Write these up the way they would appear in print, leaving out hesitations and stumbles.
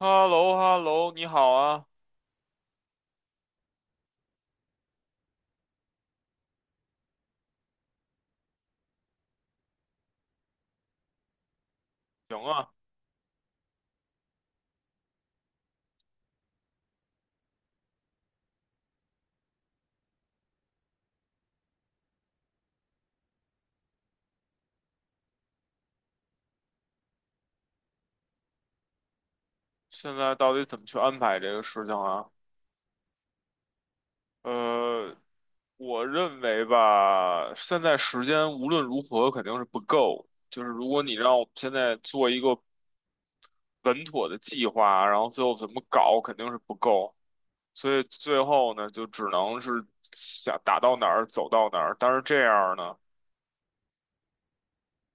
h e l l o h e l l o 你好啊，行啊，现在到底怎么去安排这个事情啊？呃，我认为吧，现在时间无论如何肯定是不够，就是如果你让我们现在做一个稳妥的计划，然后最后怎么搞，肯定是不够，所以最后呢，就只能是想打到哪儿走到哪儿，但是这样呢，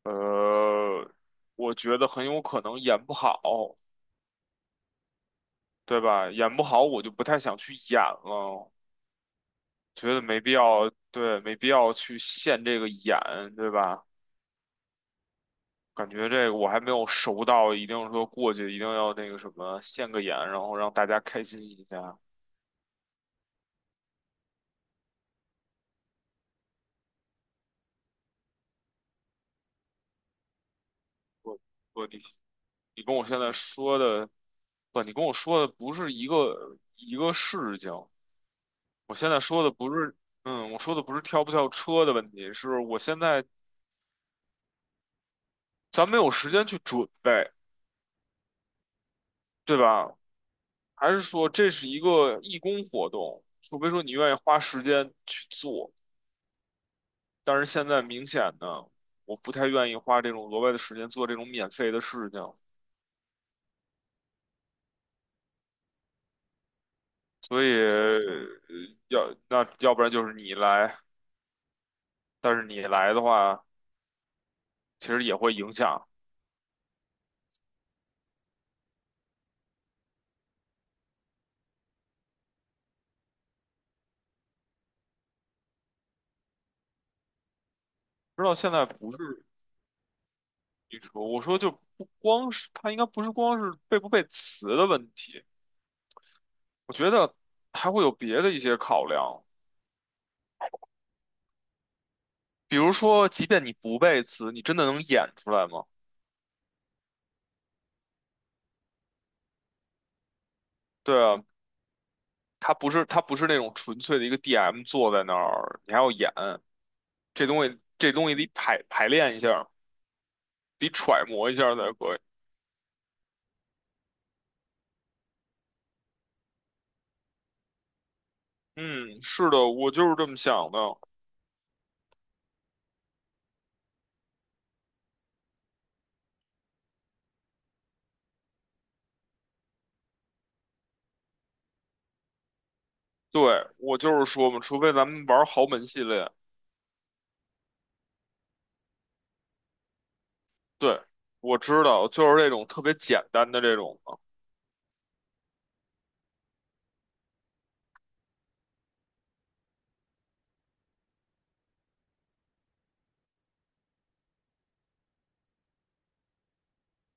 呃，我觉得很有可能演不好，对吧？演不好，我就不太想去演了。觉得没必要，对，没必要去现这个眼，对吧？感觉这个我还没有熟到，一定说过去一定要那个什么现个眼，然后让大家开心一下。我我你你跟我现在说的，不，你跟我说的不是一个事情。我现在说的不是，嗯，我说的不是跳不跳车的问题，是我现在咱没有时间去准备，对吧？还是说这是一个义工活动，除非说你愿意花时间去做。但是现在明显的，我不太愿意花这种额外的时间做这种免费的事情，所以要那要不然就是你来，但是你来的话，其实也会影响。知道现在不是你说，我说就不光是他应该不是光是背不背词的问题，我觉得还会有别的一些考量，比如说，即便你不背词，你真的能演出来吗？对啊，他不是那种纯粹的一个 DM 坐在那儿，你还要演。这东西得排练一下，得揣摩一下才可以。嗯，是的，我就是这么想的。对，我就是说嘛，除非咱们玩豪门系列。对，我知道，就是这种特别简单的这种的，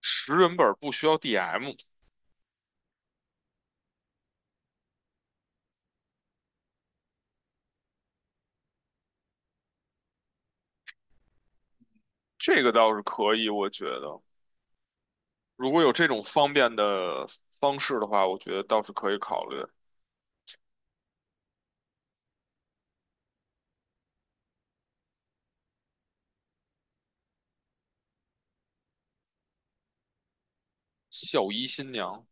十人本不需要 DM，这个倒是可以，我觉得如果有这种方便的方式的话，我觉得倒是可以考虑。孝仪新娘，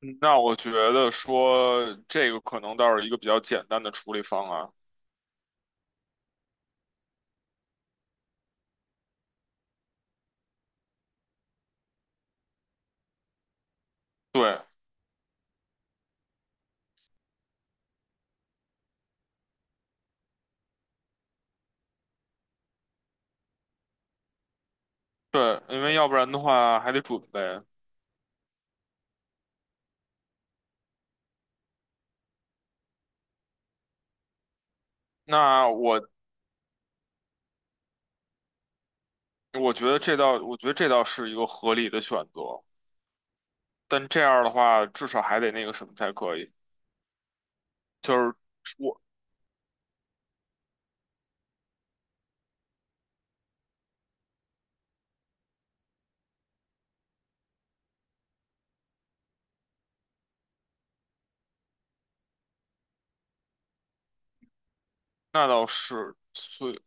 嗯那我觉得说这个可能倒是一个比较简单的处理方案。对，对，因为要不然的话还得准备。那我我觉得这倒，我觉得这倒是一个合理的选择。但这样的话，至少还得那个什么才可以。就是我那倒是，所以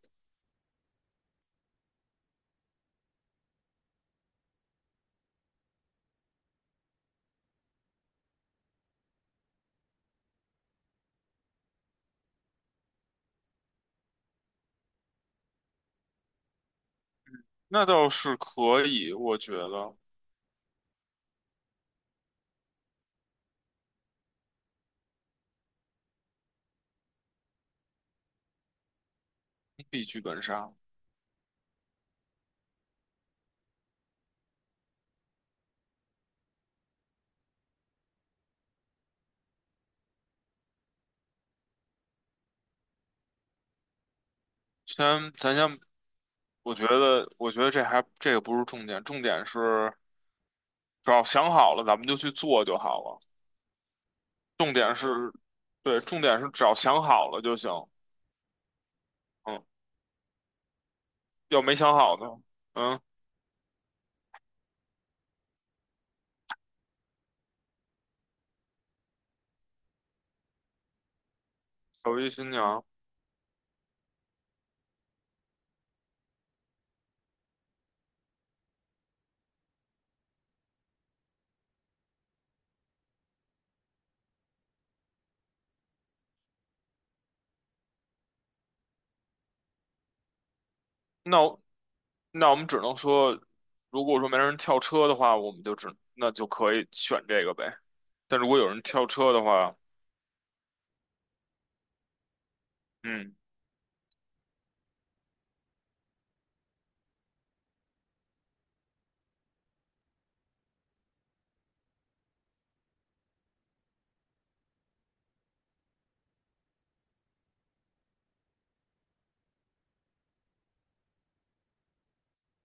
那倒是可以，我觉得必剧本杀。先，咱先，我觉得这还这个不是重点，重点是只要想好了，咱们就去做就好了。重点是，对，重点是只要想好了就行。嗯，要没想好呢，嗯。小鱼新娘，那我那我们只能说，如果说没人跳车的话，我们就只那就可以选这个呗。但如果有人跳车的话，嗯，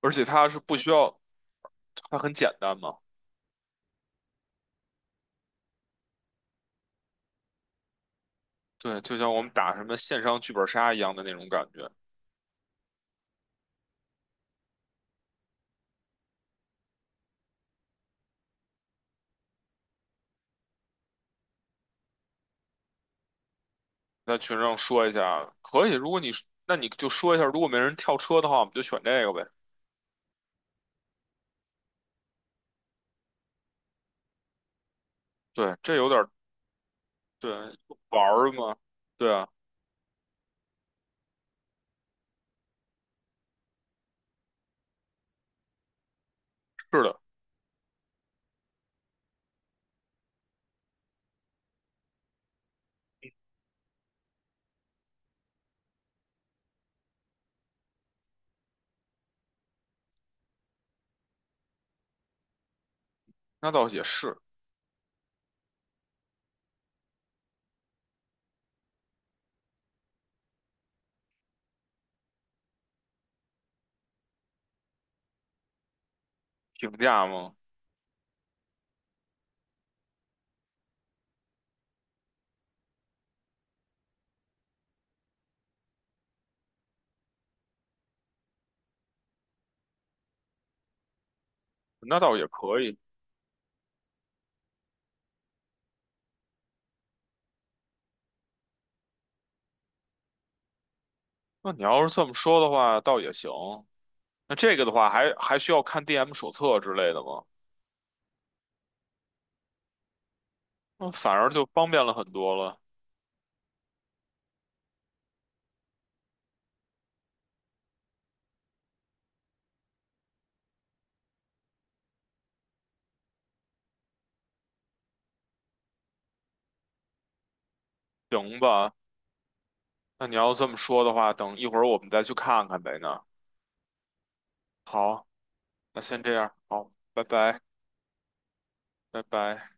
而且它是不需要，它很简单嘛。对，就像我们打什么线上剧本杀一样的那种感觉。在群上说一下，可以。如果你那你就说一下，如果没人跳车的话，我们就选这个呗。对，这有点儿对玩儿嘛。对啊，是的，那倒也是评价嘛，那倒也可以。那你要是这么说的话，倒也行。那这个的话还，还需要看 DM 手册之类的吗？那反而就方便了很多了。行吧，那你要这么说的话，等一会儿我们再去看看呗呢。那好，那先这样，好，拜拜，拜拜。